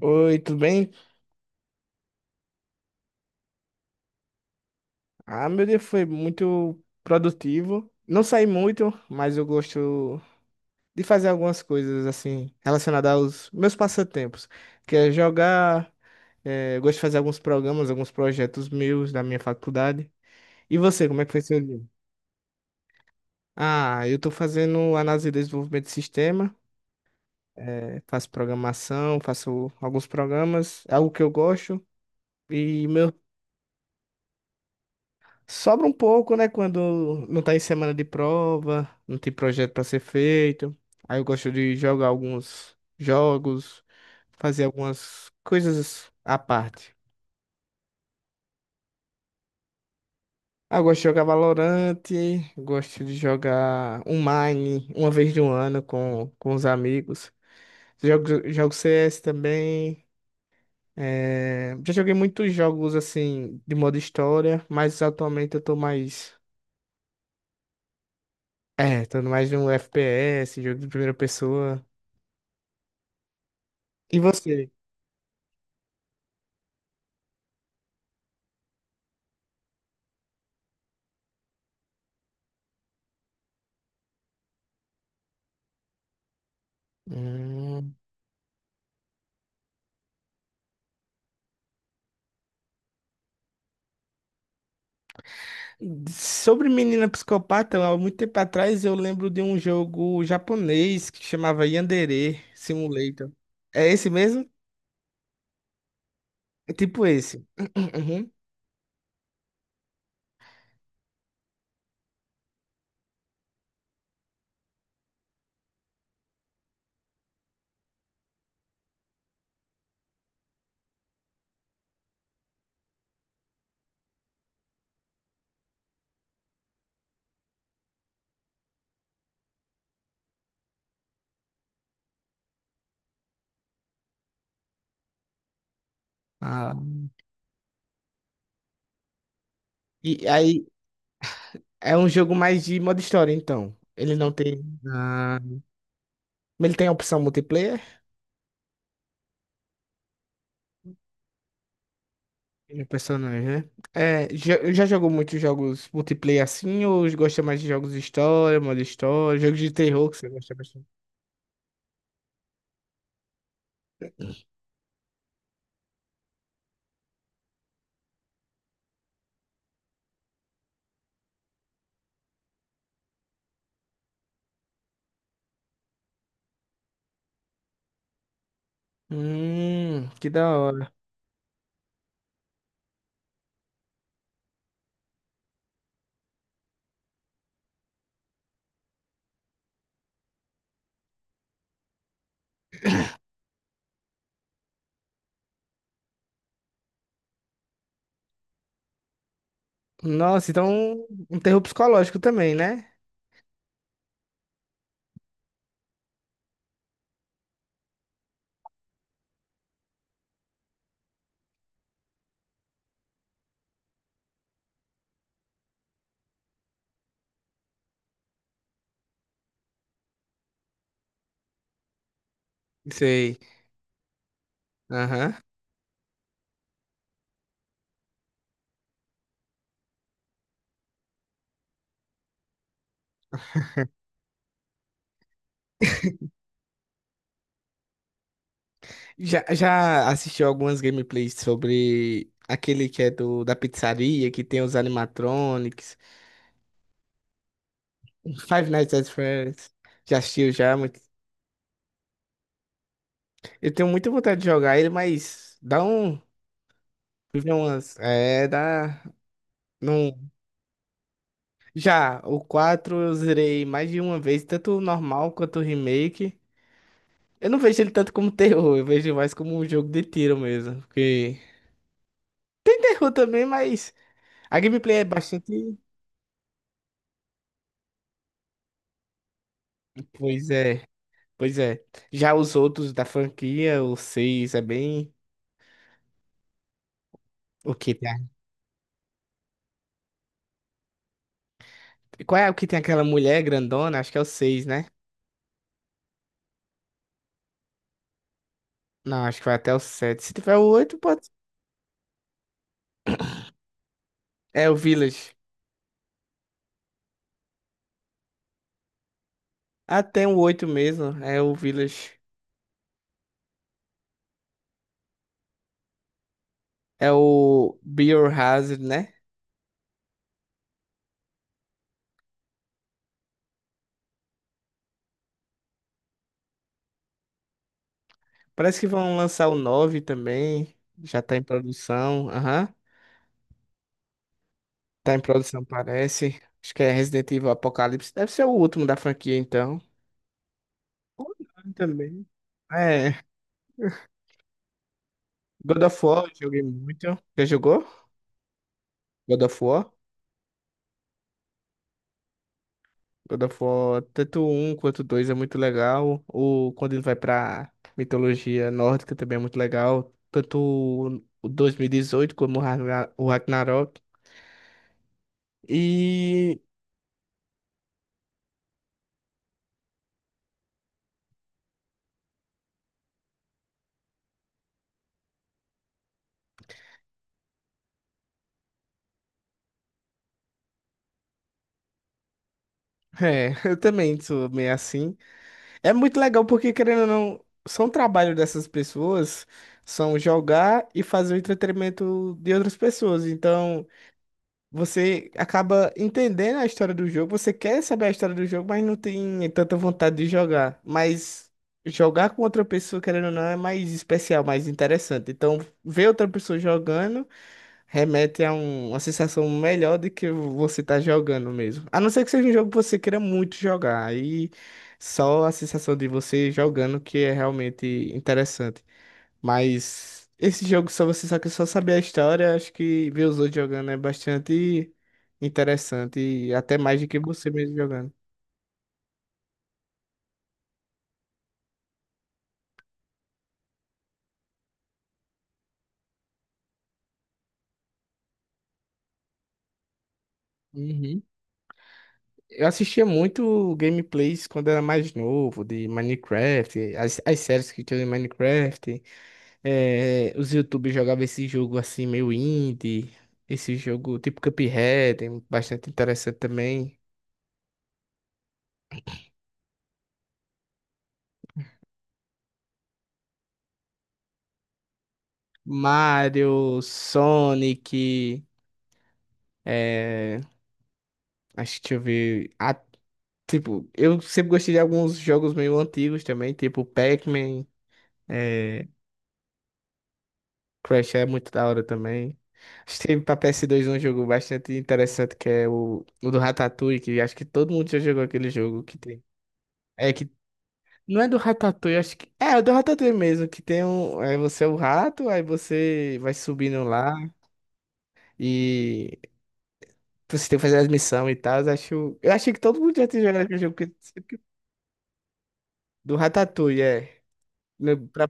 Oi, tudo bem? Ah, meu dia foi muito produtivo. Não saí muito, mas eu gosto de fazer algumas coisas assim relacionadas aos meus passatempos, que é jogar. Eu gosto de fazer alguns programas, alguns projetos meus da minha faculdade. E você, como é que foi seu dia? Ah, eu estou fazendo análise e desenvolvimento de sistema, faço programação, faço alguns programas, é algo que eu gosto. E meu Sobra um pouco, né? Quando não tá em semana de prova, não tem projeto pra ser feito. Aí eu gosto de jogar alguns jogos, fazer algumas coisas à parte. Ah, eu gosto de jogar Valorant, gosto de jogar um Mine uma vez de um ano com os amigos. Jogo CS também. É, já joguei muitos jogos assim de modo história, mas atualmente eu tô mais. É, tô mais num FPS, jogo de primeira pessoa. E você? Hum. Sobre menina psicopata, há muito tempo atrás eu lembro de um jogo japonês que chamava Yandere Simulator. É esse mesmo? É tipo esse. Uhum. Ah. E aí é um jogo mais de modo história, então. Ele não tem. Ah. Mas ele tem a opção multiplayer? Tem personagem, né? É, já jogou muitos jogos multiplayer assim, ou gosta mais de jogos de história, modo história, jogos de terror que você gosta bastante? Que da hora. Nossa, então um terror psicológico também, né? Sei. Aham. Já assistiu algumas gameplays sobre aquele que é da pizzaria, que tem os animatronics, Five Nights at Freddy's. Já assistiu já, muito. Eu tenho muita vontade de jogar ele, mas dá um. Vive umas. É, dá. Não. Já, o 4 eu zerei mais de uma vez, tanto o normal quanto o remake. Eu não vejo ele tanto como terror, eu vejo mais como um jogo de tiro mesmo. Porque eu também, mas a gameplay é bastante. Pois é, pois é. Já os outros da franquia, o 6 é bem. O que tem? A- qual é o que tem aquela mulher grandona? Acho que é o 6, né? Não, acho que vai até o 7. Se tiver o oito pode. É o Village. Até o 8 mesmo. É o Village. É o Biohazard, né? Parece que vão lançar o 9 também. Já tá em produção. Aham. Tá em produção, parece. Acho que é Resident Evil Apocalipse. Deve ser o último da franquia, então. Online também. Ah, é, God of War, eu joguei muito. Já jogou? God of War? God of War, tanto um quanto dois é muito legal. O, quando ele vai pra mitologia nórdica também é muito legal. Tanto o 2018 como o Ragnarok. E é, eu também sou meio assim. É muito legal porque, querendo ou não, são trabalho dessas pessoas, são jogar e fazer o entretenimento de outras pessoas. Então. Você acaba entendendo a história do jogo, você quer saber a história do jogo, mas não tem tanta vontade de jogar. Mas jogar com outra pessoa, querendo ou não, é mais especial, mais interessante. Então, ver outra pessoa jogando remete a uma sensação melhor do que você tá jogando mesmo. A não ser que seja um jogo que você queira muito jogar, aí só a sensação de você jogando que é realmente interessante. Mas esse jogo, só você só que só saber a história, acho que ver os outros jogando é bastante interessante. E até mais do que você mesmo jogando. Uhum. Eu assistia muito gameplays quando era mais novo, de Minecraft, as séries que tinham de Minecraft. Os YouTubers jogavam esse jogo assim, meio indie. Esse jogo tipo Cuphead, bastante interessante também. Mario, Sonic, eh, acho que deixa eu ver. Tipo, eu sempre gostei de alguns jogos meio antigos também, tipo Pac-Man, é, Crash é muito da hora também. Acho que teve pra PS2 um jogo bastante interessante que é o do Ratatouille, que acho que todo mundo já jogou aquele jogo que tem. É que não é do Ratatouille, acho que é do Ratatouille mesmo, que tem um, é, você é o rato, aí você vai subindo lá e você tem que fazer as missões e tal. Acho, eu achei que todo mundo já tinha jogado aquele jogo porque- do Ratatouille, é. No- pra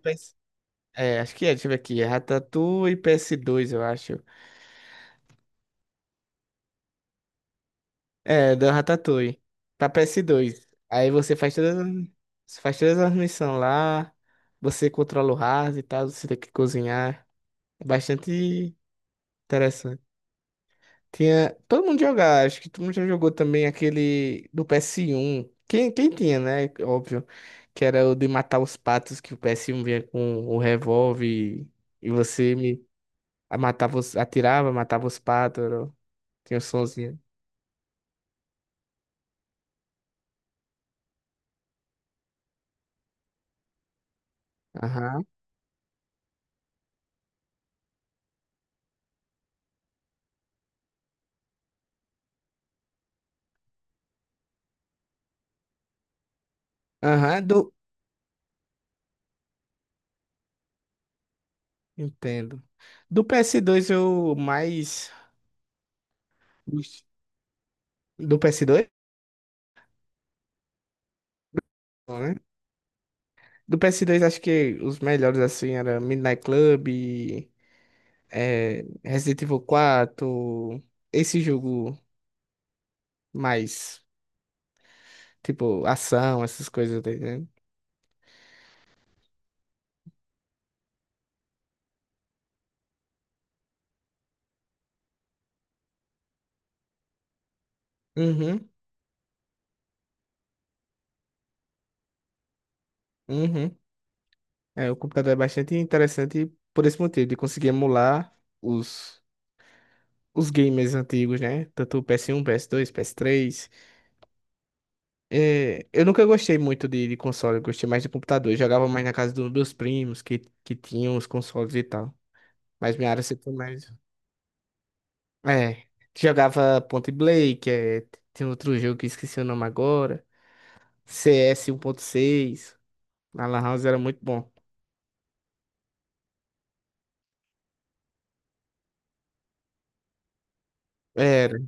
é, acho que é, deixa eu ver aqui. É Ratatouille PS2, eu acho. É, da Ratatouille. Pra PS2. Aí você faz todas, as- você faz todas as missões lá. Você controla o rato e tal. Você tem que cozinhar. É bastante interessante. Tinha. Todo mundo jogava, acho que todo mundo já jogou também aquele do PS1. Quem tinha, né? Óbvio. Que era o de matar os patos, que o PS1 vinha com o revólver e você me matava, os- atirava, matava os patos. Tem o sonzinho. Aham. Aham, do. Entendo. Do PS2 eu mais. Ux, do PS2? Não, né? Do PS2 acho que os melhores assim era Midnight Club, é, Resident Evil 4, esse jogo mais tipo ação, essas coisas, tá entendendo? Uhum, uhum. É, o computador é bastante interessante por esse motivo, de conseguir emular os, os gamers antigos, né? Tanto o PS1, PS2, PS3. É, eu nunca gostei muito de console, eu gostei mais de computador. Eu jogava mais na casa dos meus primos, que tinham os consoles e tal. Mas minha área sempre foi mais. É, jogava Point Blank, é, tem outro jogo que eu esqueci o nome agora. CS seis, na Lan House era muito bom. Era,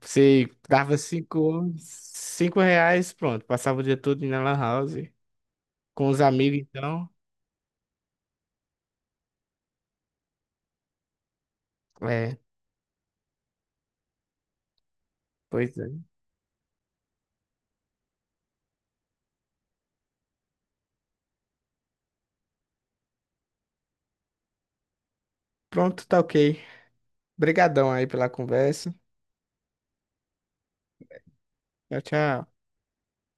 você dava cinco reais, pronto, passava o dia todo na Lan House. Com os amigos, então. É, pois é. Pronto, tá ok. Obrigadão aí pela conversa. Tchau, tchau.